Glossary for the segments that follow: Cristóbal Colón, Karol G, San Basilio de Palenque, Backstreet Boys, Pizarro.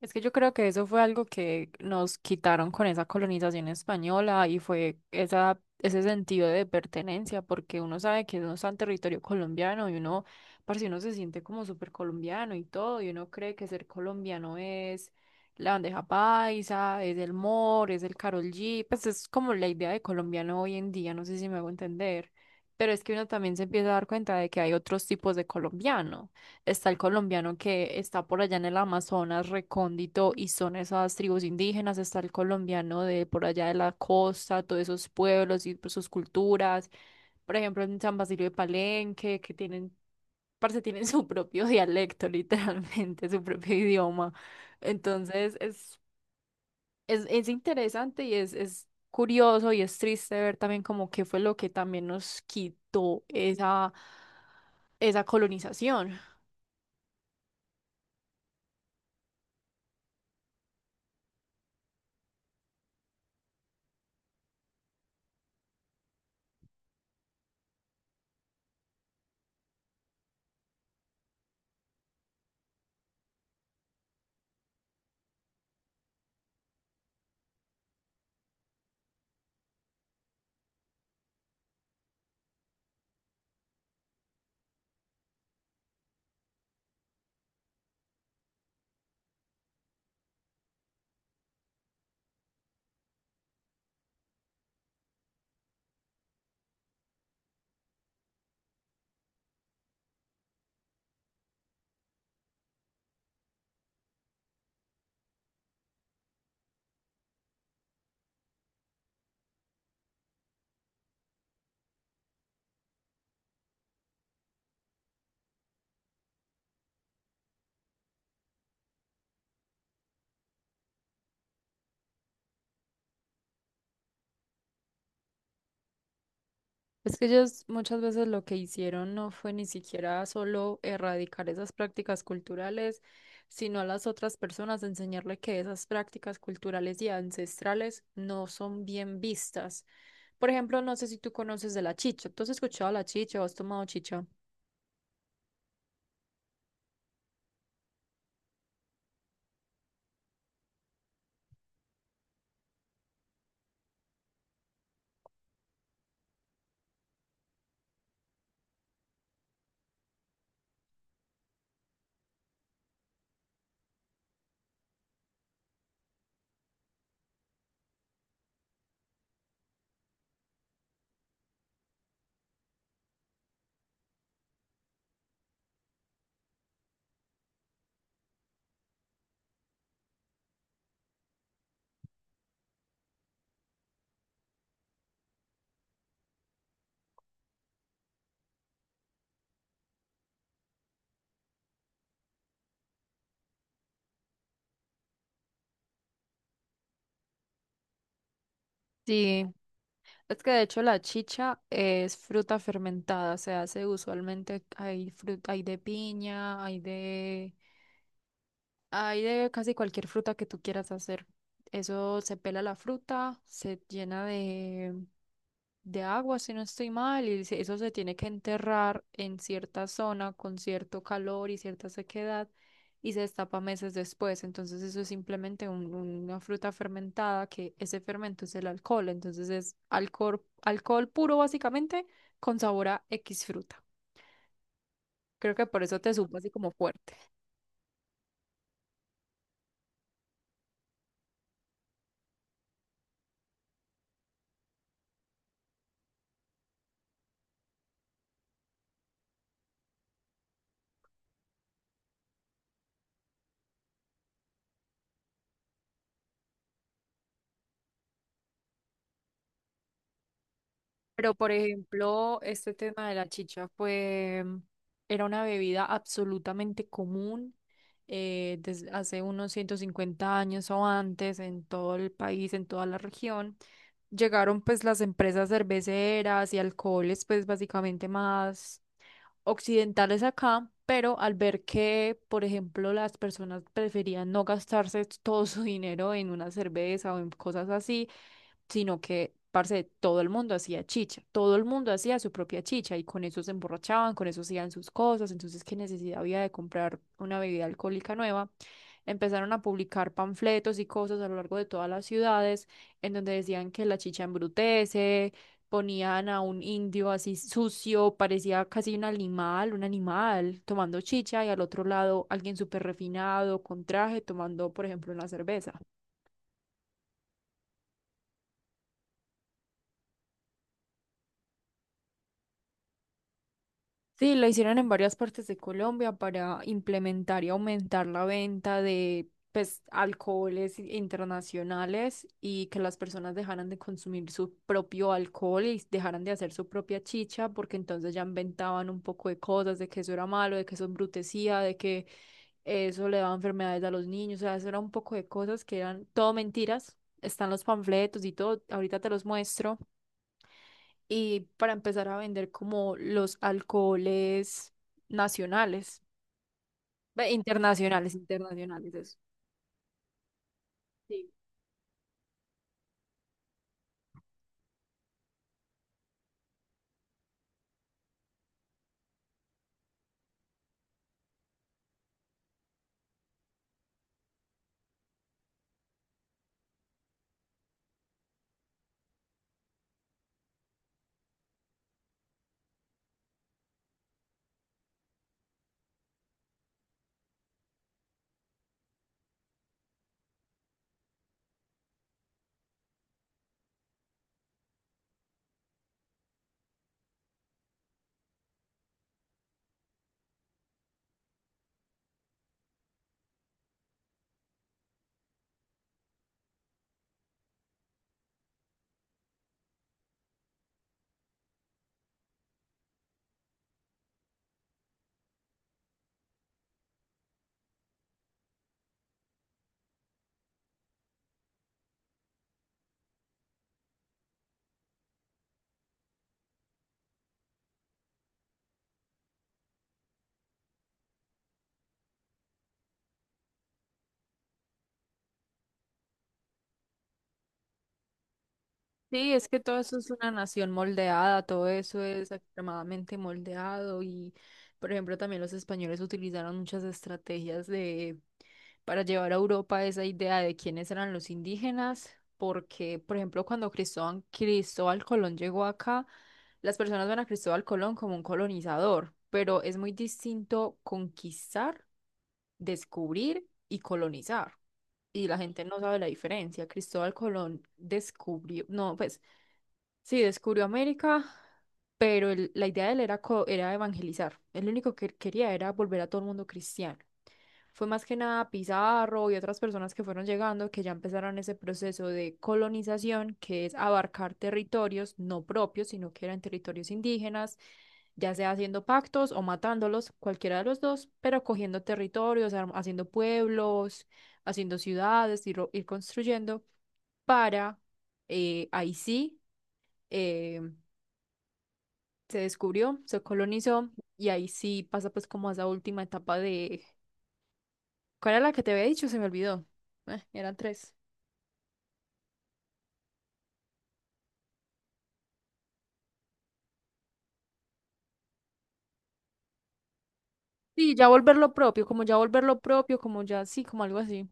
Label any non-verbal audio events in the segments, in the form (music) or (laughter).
Es que yo creo que eso fue algo que nos quitaron con esa colonización española y fue esa, ese sentido de pertenencia, porque uno sabe que uno está en territorio colombiano y uno, parce, uno se siente como súper colombiano y todo, y uno cree que ser colombiano es la bandeja paisa, es el mor, es el Karol G, pues es como la idea de colombiano hoy en día, no sé si me hago entender, pero es que uno también se empieza a dar cuenta de que hay otros tipos de colombiano. Está el colombiano que está por allá en el Amazonas, recóndito, y son esas tribus indígenas, está el colombiano de por allá de la costa, todos esos pueblos y pues, sus culturas, por ejemplo, en San Basilio de Palenque, que tienen, parce, tienen (laughs) su propio dialecto, literalmente, su propio idioma. Entonces, es interesante y es curioso y es triste ver también como qué fue lo que también nos quitó esa, esa colonización. Es que ellos muchas veces lo que hicieron no fue ni siquiera solo erradicar esas prácticas culturales, sino a las otras personas enseñarle que esas prácticas culturales y ancestrales no son bien vistas. Por ejemplo, no sé si tú conoces de la chicha. ¿Tú has escuchado la chicha o has tomado chicha? Sí, es que de hecho la chicha es fruta fermentada, se hace usualmente, hay fruta, hay de piña, hay de... Hay de casi cualquier fruta que tú quieras hacer. Eso se pela la fruta, se llena de agua, si no estoy mal, y se- eso se tiene que enterrar en cierta zona con cierto calor y cierta sequedad y se destapa meses después. Entonces eso es simplemente un- una fruta fermentada que ese fermento es el alcohol. Entonces es alcohol, alcohol puro básicamente con sabor a X fruta. Creo que por eso te supo así como fuerte. Pero, por ejemplo, este tema de la chicha fue, era una bebida absolutamente común desde hace unos 150 años o antes en todo el país, en toda la región. Llegaron pues las empresas cerveceras y alcoholes pues básicamente más occidentales acá, pero al ver que, por ejemplo, las personas preferían no gastarse todo su dinero en una cerveza o en cosas así, sino que, parce, todo el mundo hacía chicha, todo el mundo hacía su propia chicha y con eso se emborrachaban, con eso hacían sus cosas, entonces qué necesidad había de comprar una bebida alcohólica nueva. Empezaron a publicar panfletos y cosas a lo largo de todas las ciudades en donde decían que la chicha embrutece, ponían a un indio así sucio, parecía casi un animal tomando chicha y al otro lado alguien súper refinado con traje tomando, por ejemplo, una cerveza. Sí, lo hicieron en varias partes de Colombia para implementar y aumentar la venta de pues, alcoholes i- internacionales y que las personas dejaran de consumir su propio alcohol y dejaran de hacer su propia chicha, porque entonces ya inventaban un poco de cosas, de que eso era malo, de que eso embrutecía, de que eso le daba enfermedades a los niños, o sea, eso era un poco de cosas que eran todo mentiras. Están los panfletos y todo, ahorita te los muestro y para empezar a vender como los alcoholes nacionales, ve, internacionales, eso. Sí. Sí, es que todo eso es una nación moldeada, todo eso es extremadamente moldeado y, por ejemplo, también los españoles utilizaron muchas estrategias de para llevar a Europa esa idea de quiénes eran los indígenas, porque, por ejemplo, cuando Cristóbal Colón llegó acá, las personas ven a Cristóbal Colón como un colonizador, pero es muy distinto conquistar, descubrir y colonizar y la gente no sabe la diferencia. Cristóbal Colón descubrió, no, pues sí, descubrió América, pero el- la idea de él era, co- era evangelizar. El único que quería era volver a todo el mundo cristiano. Fue más que nada Pizarro y otras personas que fueron llegando que ya empezaron ese proceso de colonización, que es abarcar territorios no propios, sino que eran territorios indígenas, ya sea haciendo pactos o matándolos, cualquiera de los dos, pero cogiendo territorios, arm- haciendo pueblos, haciendo ciudades, ir construyendo, para ahí sí eh, se descubrió, se colonizó y ahí sí pasa pues como a esa última etapa de... ¿Cuál era la que te había dicho? Se me olvidó. Eran tres. Sí, ya volver lo propio, como ya volver lo propio, como ya sí, como algo así.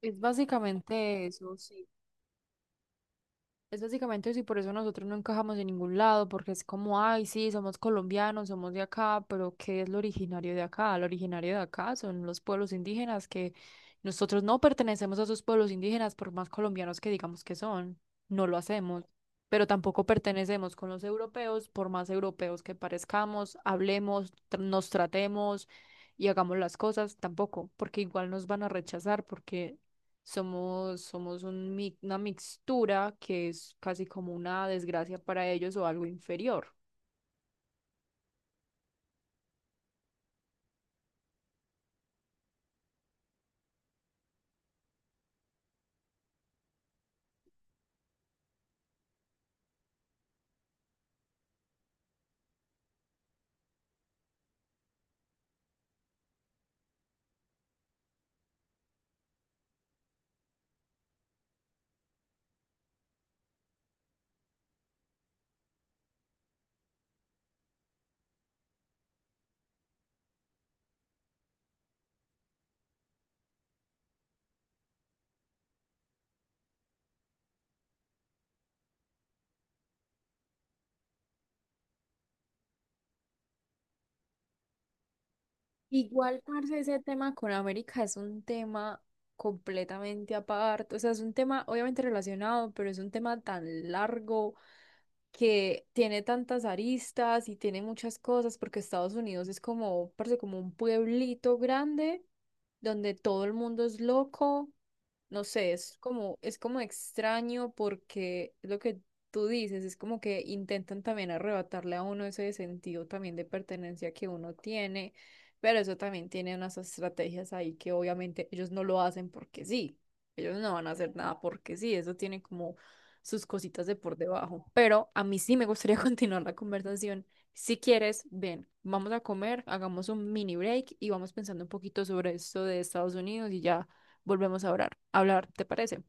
Es básicamente eso, sí. Es básicamente eso y por eso nosotros no encajamos en ningún lado, porque es como, ay, sí, somos colombianos, somos de acá, pero ¿qué es lo originario de acá? Lo originario de acá son los pueblos indígenas, que nosotros no pertenecemos a esos pueblos indígenas, por más colombianos que digamos que son, no lo hacemos, pero tampoco pertenecemos con los europeos, por más europeos que parezcamos, hablemos, tr- nos tratemos y hagamos las cosas, tampoco, porque igual nos van a rechazar, porque somos un mi- una mixtura que es casi como una desgracia para ellos o algo inferior. Igual, parce, ese tema con América es un tema completamente aparte. O sea, es un tema obviamente relacionado, pero es un tema tan largo que tiene tantas aristas y tiene muchas cosas, porque Estados Unidos es como, parce, como un pueblito grande donde todo el mundo es loco, no sé, es como extraño porque es lo que tú dices, es como que intentan también arrebatarle a uno ese sentido también de pertenencia que uno tiene, pero eso también tiene unas estrategias ahí que obviamente ellos no lo hacen porque sí, ellos no van a hacer nada porque sí, eso tiene como sus cositas de por debajo, pero a mí sí me gustaría (laughs) continuar la conversación. Si quieres, ven, vamos a comer, hagamos un mini break y vamos pensando un poquito sobre esto de Estados Unidos y ya volvemos a orar, hablar, ¿te parece?